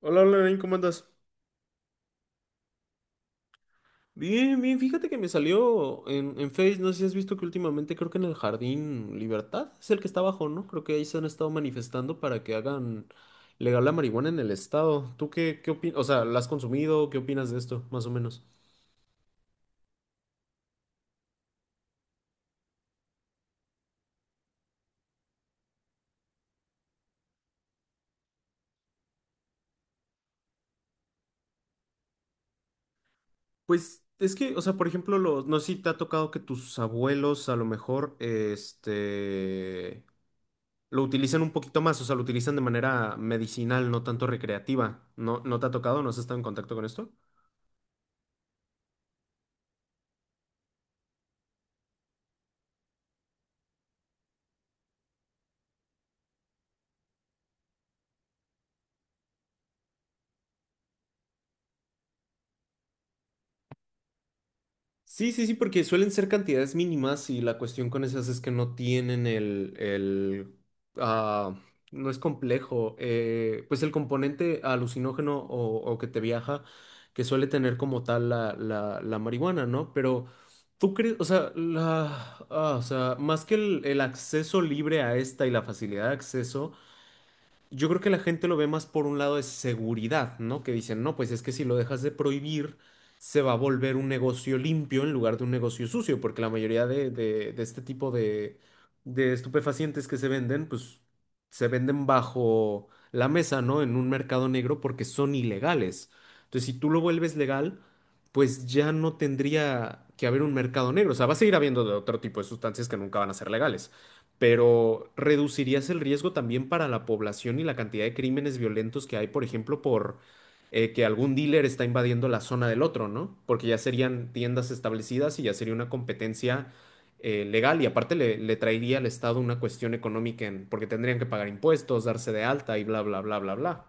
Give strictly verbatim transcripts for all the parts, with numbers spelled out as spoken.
Hola, hola, Nain, ¿cómo andas? Bien, bien, fíjate que me salió en, en Face, no sé si has visto que últimamente creo que en el Jardín Libertad es el que está abajo, ¿no? Creo que ahí se han estado manifestando para que hagan legal la marihuana en el estado. ¿Tú qué, qué opinas? O sea, ¿la has consumido? ¿Qué opinas de esto, más o menos? Pues es que, o sea, por ejemplo, los, no sé si te ha tocado que tus abuelos a lo mejor, este, lo utilizan un poquito más, o sea, lo utilizan de manera medicinal, no tanto recreativa. ¿No, no te ha tocado? ¿No has estado en contacto con esto? Sí, sí, sí, porque suelen ser cantidades mínimas y la cuestión con esas es que no tienen el, el, ah, no es complejo, eh, pues el componente alucinógeno o, o que te viaja, que suele tener como tal la, la, la marihuana, ¿no? Pero tú crees, o sea, la, ah, o sea, más que el, el acceso libre a esta y la facilidad de acceso, yo creo que la gente lo ve más por un lado de seguridad, ¿no? Que dicen, no, pues es que si lo dejas de prohibir, se va a volver un negocio limpio en lugar de un negocio sucio, porque la mayoría de, de- de este tipo de, de estupefacientes que se venden, pues se venden bajo la mesa, ¿no? En un mercado negro porque son ilegales. Entonces, si tú lo vuelves legal, pues ya no tendría que haber un mercado negro. O sea, va a seguir habiendo de otro tipo de sustancias que nunca van a ser legales, pero reducirías el riesgo también para la población y la cantidad de crímenes violentos que hay, por ejemplo, por eh, que algún dealer está invadiendo la zona del otro, ¿no? Porque ya serían tiendas establecidas y ya sería una competencia eh, legal, y aparte le, le traería al Estado una cuestión económica en- porque tendrían que pagar impuestos, darse de alta y bla, bla, bla, bla, bla.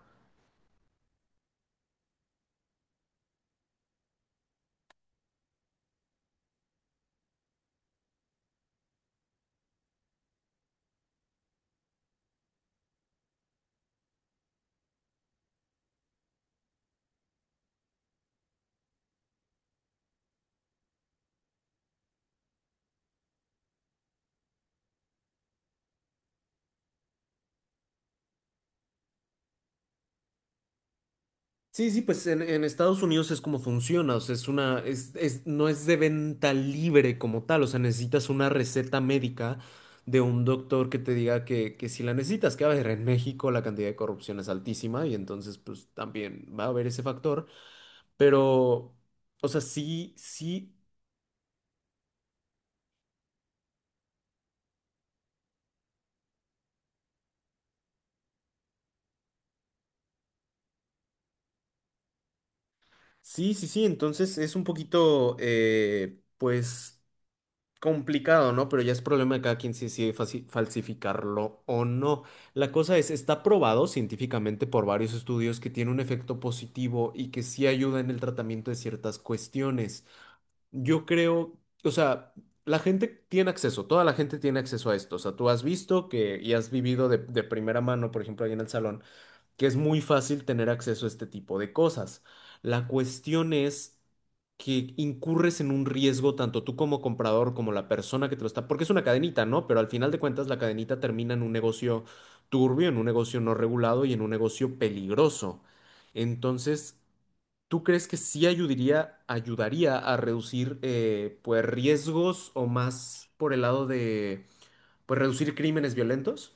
Sí, sí, pues en, en Estados Unidos es como funciona, o sea, es una, es, es- no es de venta libre como tal, o sea, necesitas una receta médica de un doctor que te diga que, que si la necesitas, que a ver, en México la cantidad de corrupción es altísima y entonces pues también va a haber ese factor, pero, o sea, sí, sí, sí, sí, sí, entonces es un poquito, eh, pues complicado, ¿no? Pero ya es problema de cada quien si decide fasi- falsificarlo o no. La cosa es, está probado científicamente por varios estudios que tiene un efecto positivo y que sí ayuda en el tratamiento de ciertas cuestiones. Yo creo, o sea, la gente tiene acceso, toda la gente tiene acceso a esto. O sea, tú has visto que y has vivido de, de primera mano, por ejemplo, ahí en el salón que es muy fácil tener acceso a este tipo de cosas. La cuestión es que incurres en un riesgo tanto tú como comprador como la persona que te lo está, porque es una cadenita, ¿no? Pero al final de cuentas la cadenita termina en un negocio turbio, en un negocio no regulado y en un negocio peligroso. Entonces, ¿tú crees que sí ayudaría, ayudaría a reducir eh, pues riesgos o más por el lado de pues reducir crímenes violentos?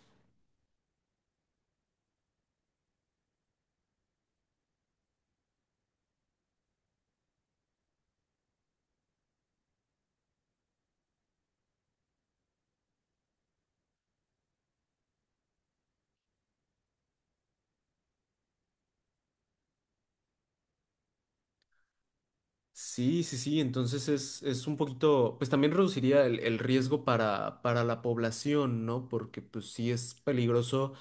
Sí, sí, sí, entonces es, es un poquito, pues también reduciría el, el riesgo para, para la población, ¿no? Porque pues sí es peligroso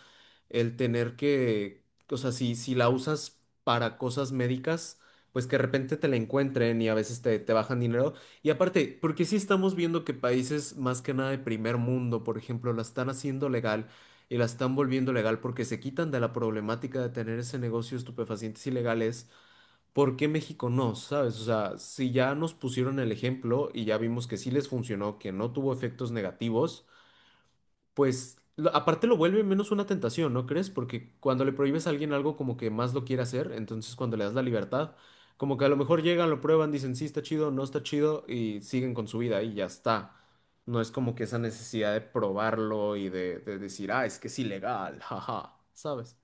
el tener que, o sea, si, si la usas para cosas médicas, pues que de repente te la encuentren y a veces te, te bajan dinero. Y aparte, porque sí estamos viendo que países más que nada de primer mundo, por ejemplo, la están haciendo legal y la están volviendo legal porque se quitan de la problemática de tener ese negocio de estupefacientes ilegales. ¿Por qué México no? ¿Sabes? O sea, si ya nos pusieron el ejemplo y ya vimos que sí les funcionó, que no tuvo efectos negativos, pues lo- aparte lo vuelve menos una tentación, ¿no crees? Porque cuando le prohíbes a alguien algo, como que más lo quiere hacer; entonces cuando le das la libertad, como que a lo mejor llegan, lo prueban, dicen sí está chido, no está chido, y siguen con su vida y ya está. No es como que esa necesidad de probarlo y de, de decir, ah, es que es ilegal, jaja, ¿sabes?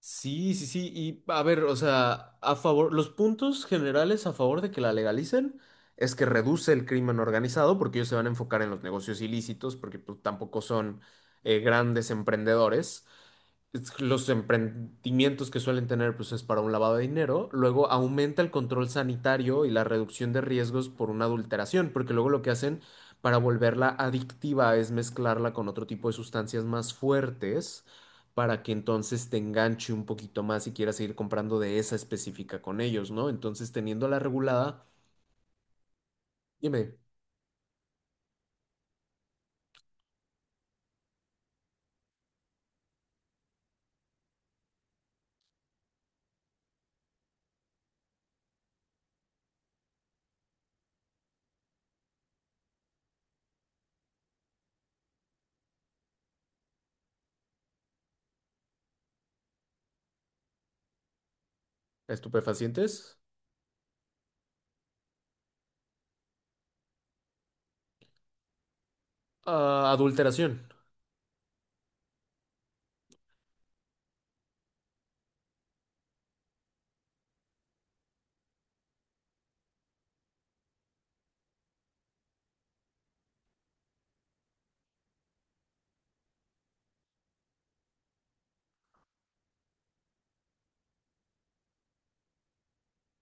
Sí, sí, sí. Y a ver, o sea, a favor, los puntos generales a favor de que la legalicen es que reduce el crimen organizado, porque ellos se van a enfocar en los negocios ilícitos, porque pues, tampoco son eh, grandes emprendedores. Es- los emprendimientos que suelen tener, pues es para un lavado de dinero. Luego aumenta el control sanitario y la reducción de riesgos por una adulteración, porque luego lo que hacen para volverla adictiva es mezclarla con otro tipo de sustancias más fuertes para que entonces te enganche un poquito más y quieras seguir comprando de esa específica con ellos, ¿no? Entonces, teniéndola regulada, dime, estupefacientes, ah, adulteración.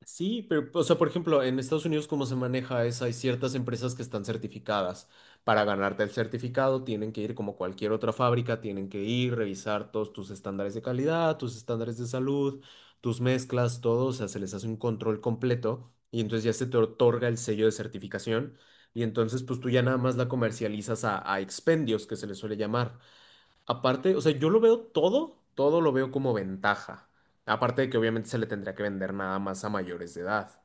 Sí, pero, o sea, por ejemplo, en Estados Unidos, ¿cómo se maneja eso? Hay ciertas empresas que están certificadas. Para ganarte el certificado, tienen que ir como cualquier otra fábrica, tienen que ir, revisar todos tus estándares de calidad, tus estándares de salud, tus mezclas, todo. O sea, se les hace un control completo y entonces ya se te otorga el sello de certificación. Y entonces, pues tú ya nada más la comercializas a, a expendios, que se les suele llamar. Aparte, o sea, yo lo veo todo, todo lo veo como ventaja. Aparte de que obviamente se le tendría que vender nada más a mayores de edad.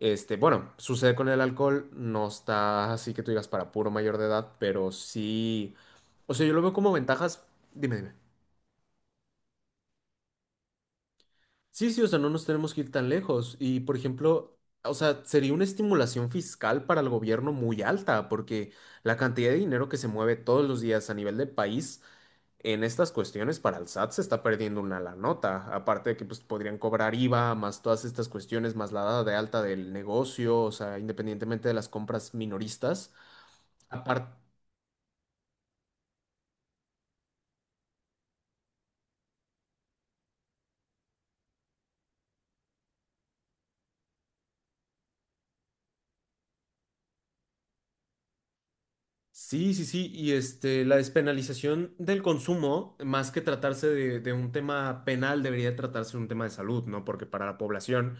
Este, bueno, sucede con el alcohol, no está así que tú digas para puro mayor de edad, pero sí. O sea, yo lo veo como ventajas. Dime, dime. Sí, sí, o sea, no nos tenemos que ir tan lejos. Y, por ejemplo, o sea, sería una estimulación fiscal para el gobierno muy alta, porque la cantidad de dinero que se mueve todos los días a nivel de país en estas cuestiones para el S A T se está perdiendo una la nota, aparte de que pues, podrían cobrar IVA, más todas estas cuestiones, más la dada de alta del negocio, o sea, independientemente de las compras minoristas. Aparte, sí, sí, sí, y este, la despenalización del consumo, más que tratarse de, de un tema penal, debería tratarse de un tema de salud, ¿no? Porque para la población,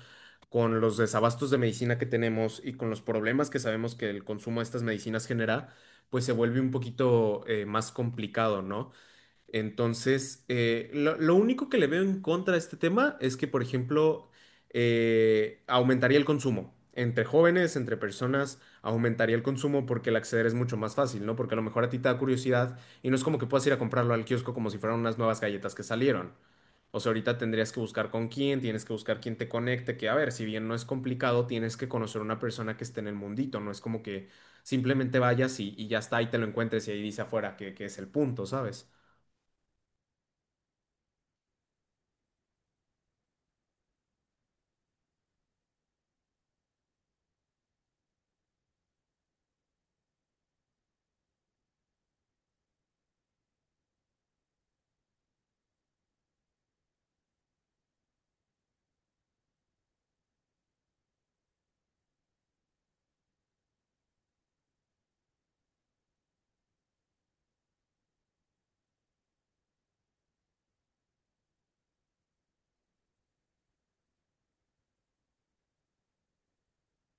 con los desabastos de medicina que tenemos y con los problemas que sabemos que el consumo de estas medicinas genera, pues se vuelve un poquito eh, más complicado, ¿no? Entonces, eh, lo, lo único que le veo en contra de este tema es que, por ejemplo, eh, aumentaría el consumo. Entre jóvenes, entre personas, aumentaría el consumo porque el acceder es mucho más fácil, ¿no? Porque a lo mejor a ti te da curiosidad y no es como que puedas ir a comprarlo al kiosco como si fueran unas nuevas galletas que salieron. O sea, ahorita tendrías que buscar con quién, tienes que buscar quién te conecte, que a ver, si bien no es complicado, tienes que conocer a una persona que esté en el mundito, no es como que simplemente vayas y, y ya está, y te lo encuentres y ahí dice afuera que, que es el punto, ¿sabes?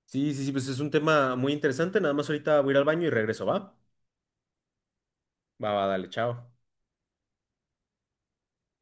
Sí, sí, sí, pues es un tema muy interesante. Nada más ahorita voy a ir al baño y regreso, ¿va? Va, va, dale, chao.